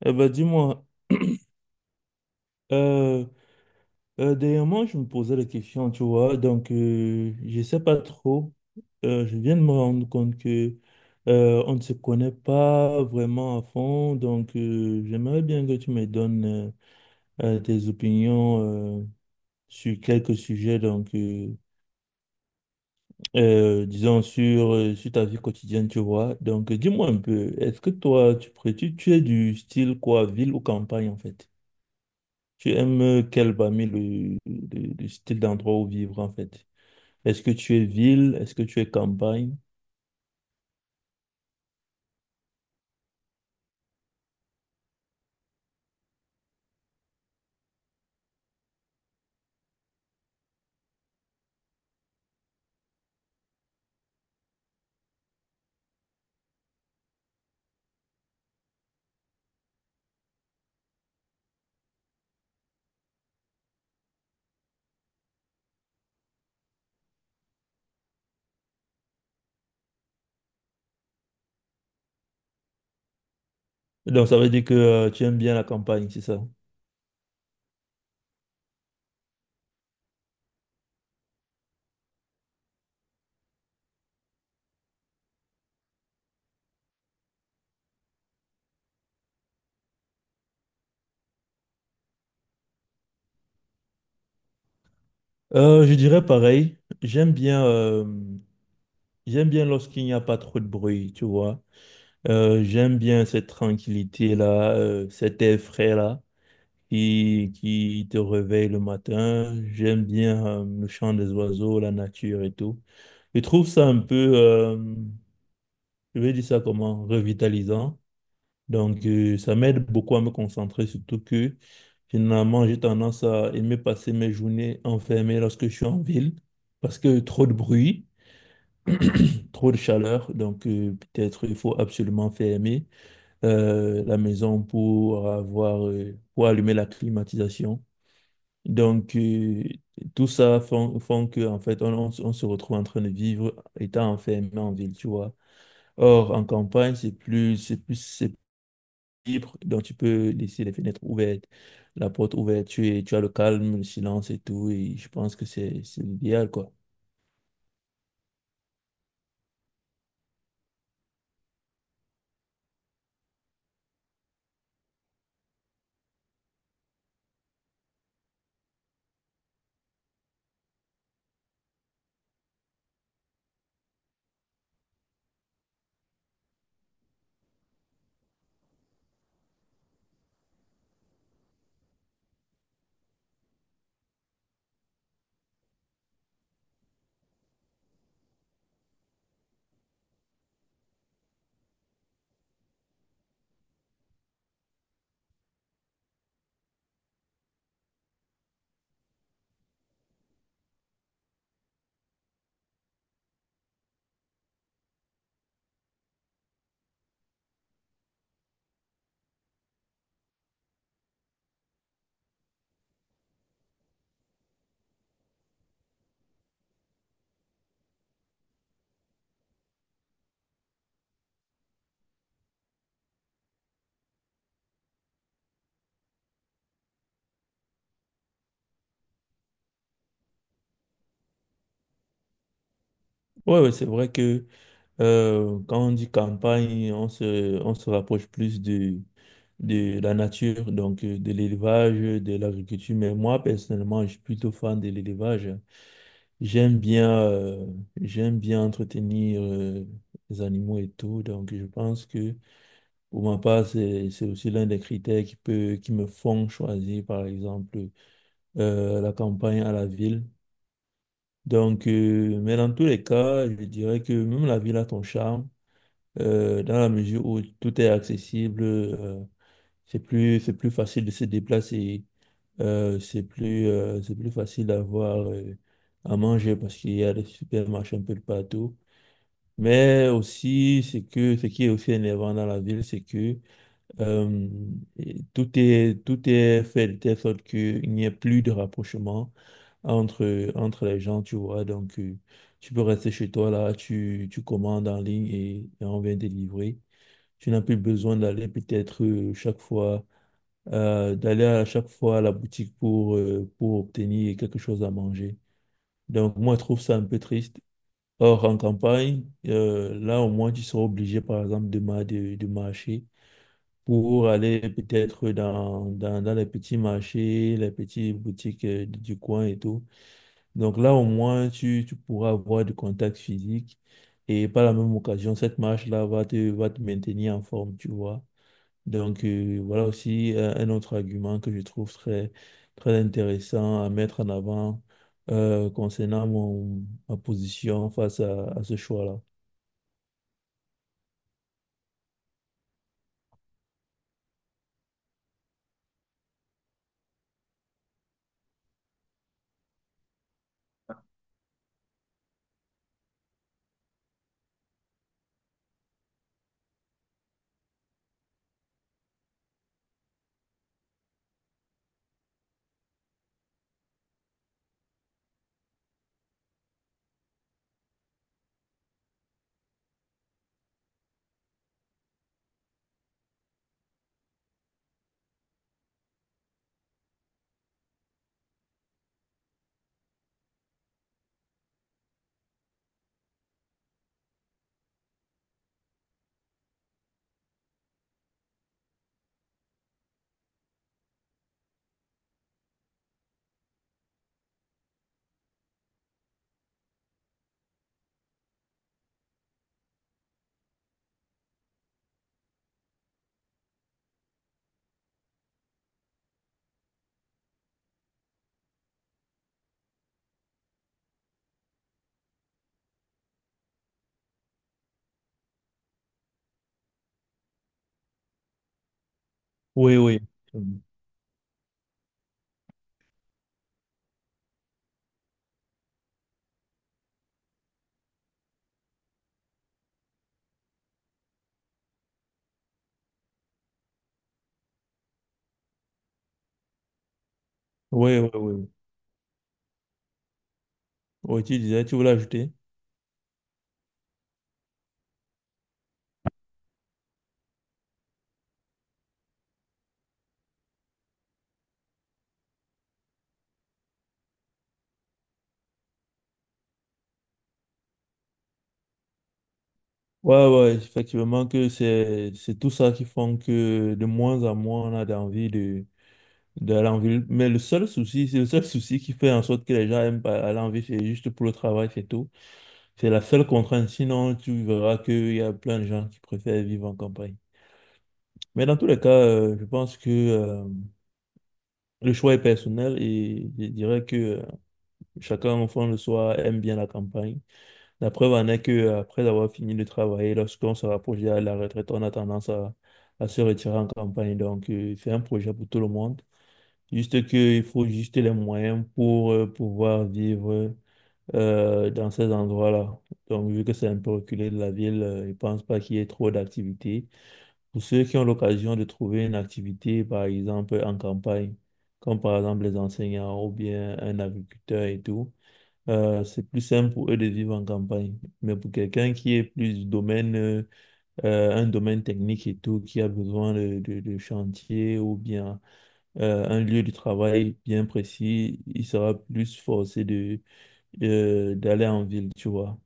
Eh ben, dis-moi, euh, dernièrement, je me posais la question, tu vois, je sais pas trop. Je viens de me rendre compte que on ne se connaît pas vraiment à fond, j'aimerais bien que tu me donnes tes opinions euh, sur quelques sujets, disons sur, sur ta vie quotidienne, tu vois. Dis-moi un peu, est-ce que toi, tu, pré- tu es du style quoi, ville ou campagne en fait? Tu aimes quel parmi le style d'endroit où vivre en fait? Est-ce que tu es ville? Est-ce que tu es campagne? Donc ça veut dire que tu aimes bien la campagne, c'est ça? Je dirais pareil. J'aime bien lorsqu'il n'y a pas trop de bruit, tu vois. J'aime bien cette tranquillité-là, cet air frais-là qui te réveille le matin. J'aime bien le chant des oiseaux, la nature et tout. Je trouve ça un peu, je vais dire ça comment, revitalisant. Donc, ça m'aide beaucoup à me concentrer, surtout que finalement, j'ai tendance à aimer passer mes journées enfermées lorsque je suis en ville, parce que trop de bruit, trop de chaleur. Donc, peut-être il faut absolument fermer la maison pour avoir, pour allumer la climatisation. Donc, tout ça font que, en fait, on se retrouve en train de vivre étant enfermé en ville, tu vois. Or, en campagne, c'est libre, donc tu peux laisser les fenêtres ouvertes, la porte ouverte, tu as le calme, le silence et tout, et je pense que c'est l'idéal, quoi. Ouais, ouais, c'est vrai que quand on dit campagne, on se rapproche plus de la nature, de l'élevage, de l'agriculture, mais moi, personnellement, je suis plutôt fan de l'élevage. J'aime bien, euh, j'aime bien entretenir les animaux et tout, donc je pense que pour ma part, c'est aussi l'un des critères qui me font choisir, par exemple, la campagne à la ville. Donc, mais dans tous les cas, je dirais que même la ville a son charme, dans la mesure où tout est accessible, c'est plus facile de se déplacer, c'est plus facile d'avoir à manger parce qu'il y a des supermarchés un peu de partout. Mais aussi, c'est que ce qui est aussi énervant dans la ville, c'est que euh, et tout tout est fait de telle sorte qu'il n'y ait plus de rapprochement entre les gens, tu vois. Donc, tu peux rester chez toi là, tu commandes en ligne et on vient te livrer. Tu n'as plus besoin d'aller peut-être d'aller à chaque fois à la boutique pour obtenir quelque chose à manger. Donc, moi, je trouve ça un peu triste. Or, en campagne, là, au moins, tu seras obligé, par exemple, de marcher pour aller peut-être dans les petits marchés, les petites boutiques du coin et tout. Donc là, au moins, tu pourras avoir du contact physique. Et par la même occasion, cette marche-là va te maintenir en forme, tu vois. Donc, voilà aussi un autre argument que je trouve très, très intéressant à mettre en avant concernant ma position face à ce choix-là. Oui, oui. Mm. Oui, oui, oui. Oui, tu disais, tu voulais ajouter? Ouais, ouais, effectivement que c'est tout ça qui font que de moins en moins on a envie de d'aller en ville. Mais le seul souci, c'est le seul souci qui fait en sorte que les gens aiment pas aller en ville, c'est juste pour le travail, c'est tout. C'est la seule contrainte. Sinon, tu verras qu'il y a plein de gens qui préfèrent vivre en campagne. Mais dans tous les cas, je pense que le choix est personnel et je dirais que chacun, au fond de soi, aime bien la campagne. La preuve en est que après avoir fini de travailler, lorsqu'on se rapproche de la retraite, on a à se retirer en campagne. Donc, c'est un projet pour tout le monde. Juste qu'il faut juste les moyens pour pouvoir vivre dans ces endroits-là. Donc, vu que c'est un peu reculé de la ville, je ne pense pas qu'il y ait trop d'activités. Pour ceux qui ont l'occasion de trouver une activité, par exemple, en campagne, comme par exemple les enseignants ou bien un agriculteur et tout, c'est plus simple pour eux de vivre en campagne. Mais pour quelqu'un qui est plus du domaine, un domaine technique et tout, qui a besoin de chantier ou bien un lieu de travail bien précis, il sera plus forcé d'aller en ville, tu vois.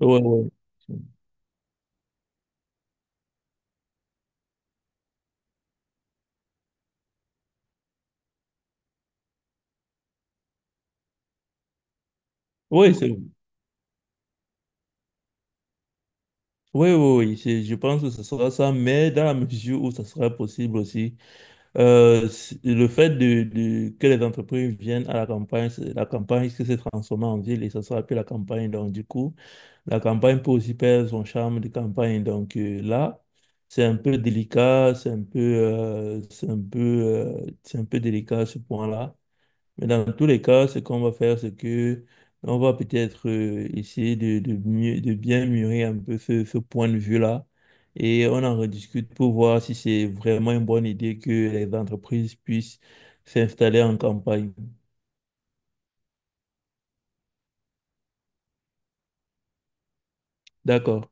Ouais, ouais. Oui, c'est... oui, oui, oui, c'est- je pense que ce sera ça, mais dans la mesure où ça sera possible aussi. Le fait de- que les entreprises viennent à la campagne, c'est- la campagne qui s'est transformée en ville et ça sera plus la campagne. Donc, du coup, la campagne peut aussi perdre son charme de campagne. Donc, là, c'est un peu délicat, c'est un peu délicat ce point-là. Mais dans tous les cas, ce qu'on va faire, c'est que on va peut-être essayer de bien mûrir un peu ce point de vue-là. Et on en rediscute pour voir si c'est vraiment une bonne idée que les entreprises puissent s'installer en campagne. D'accord.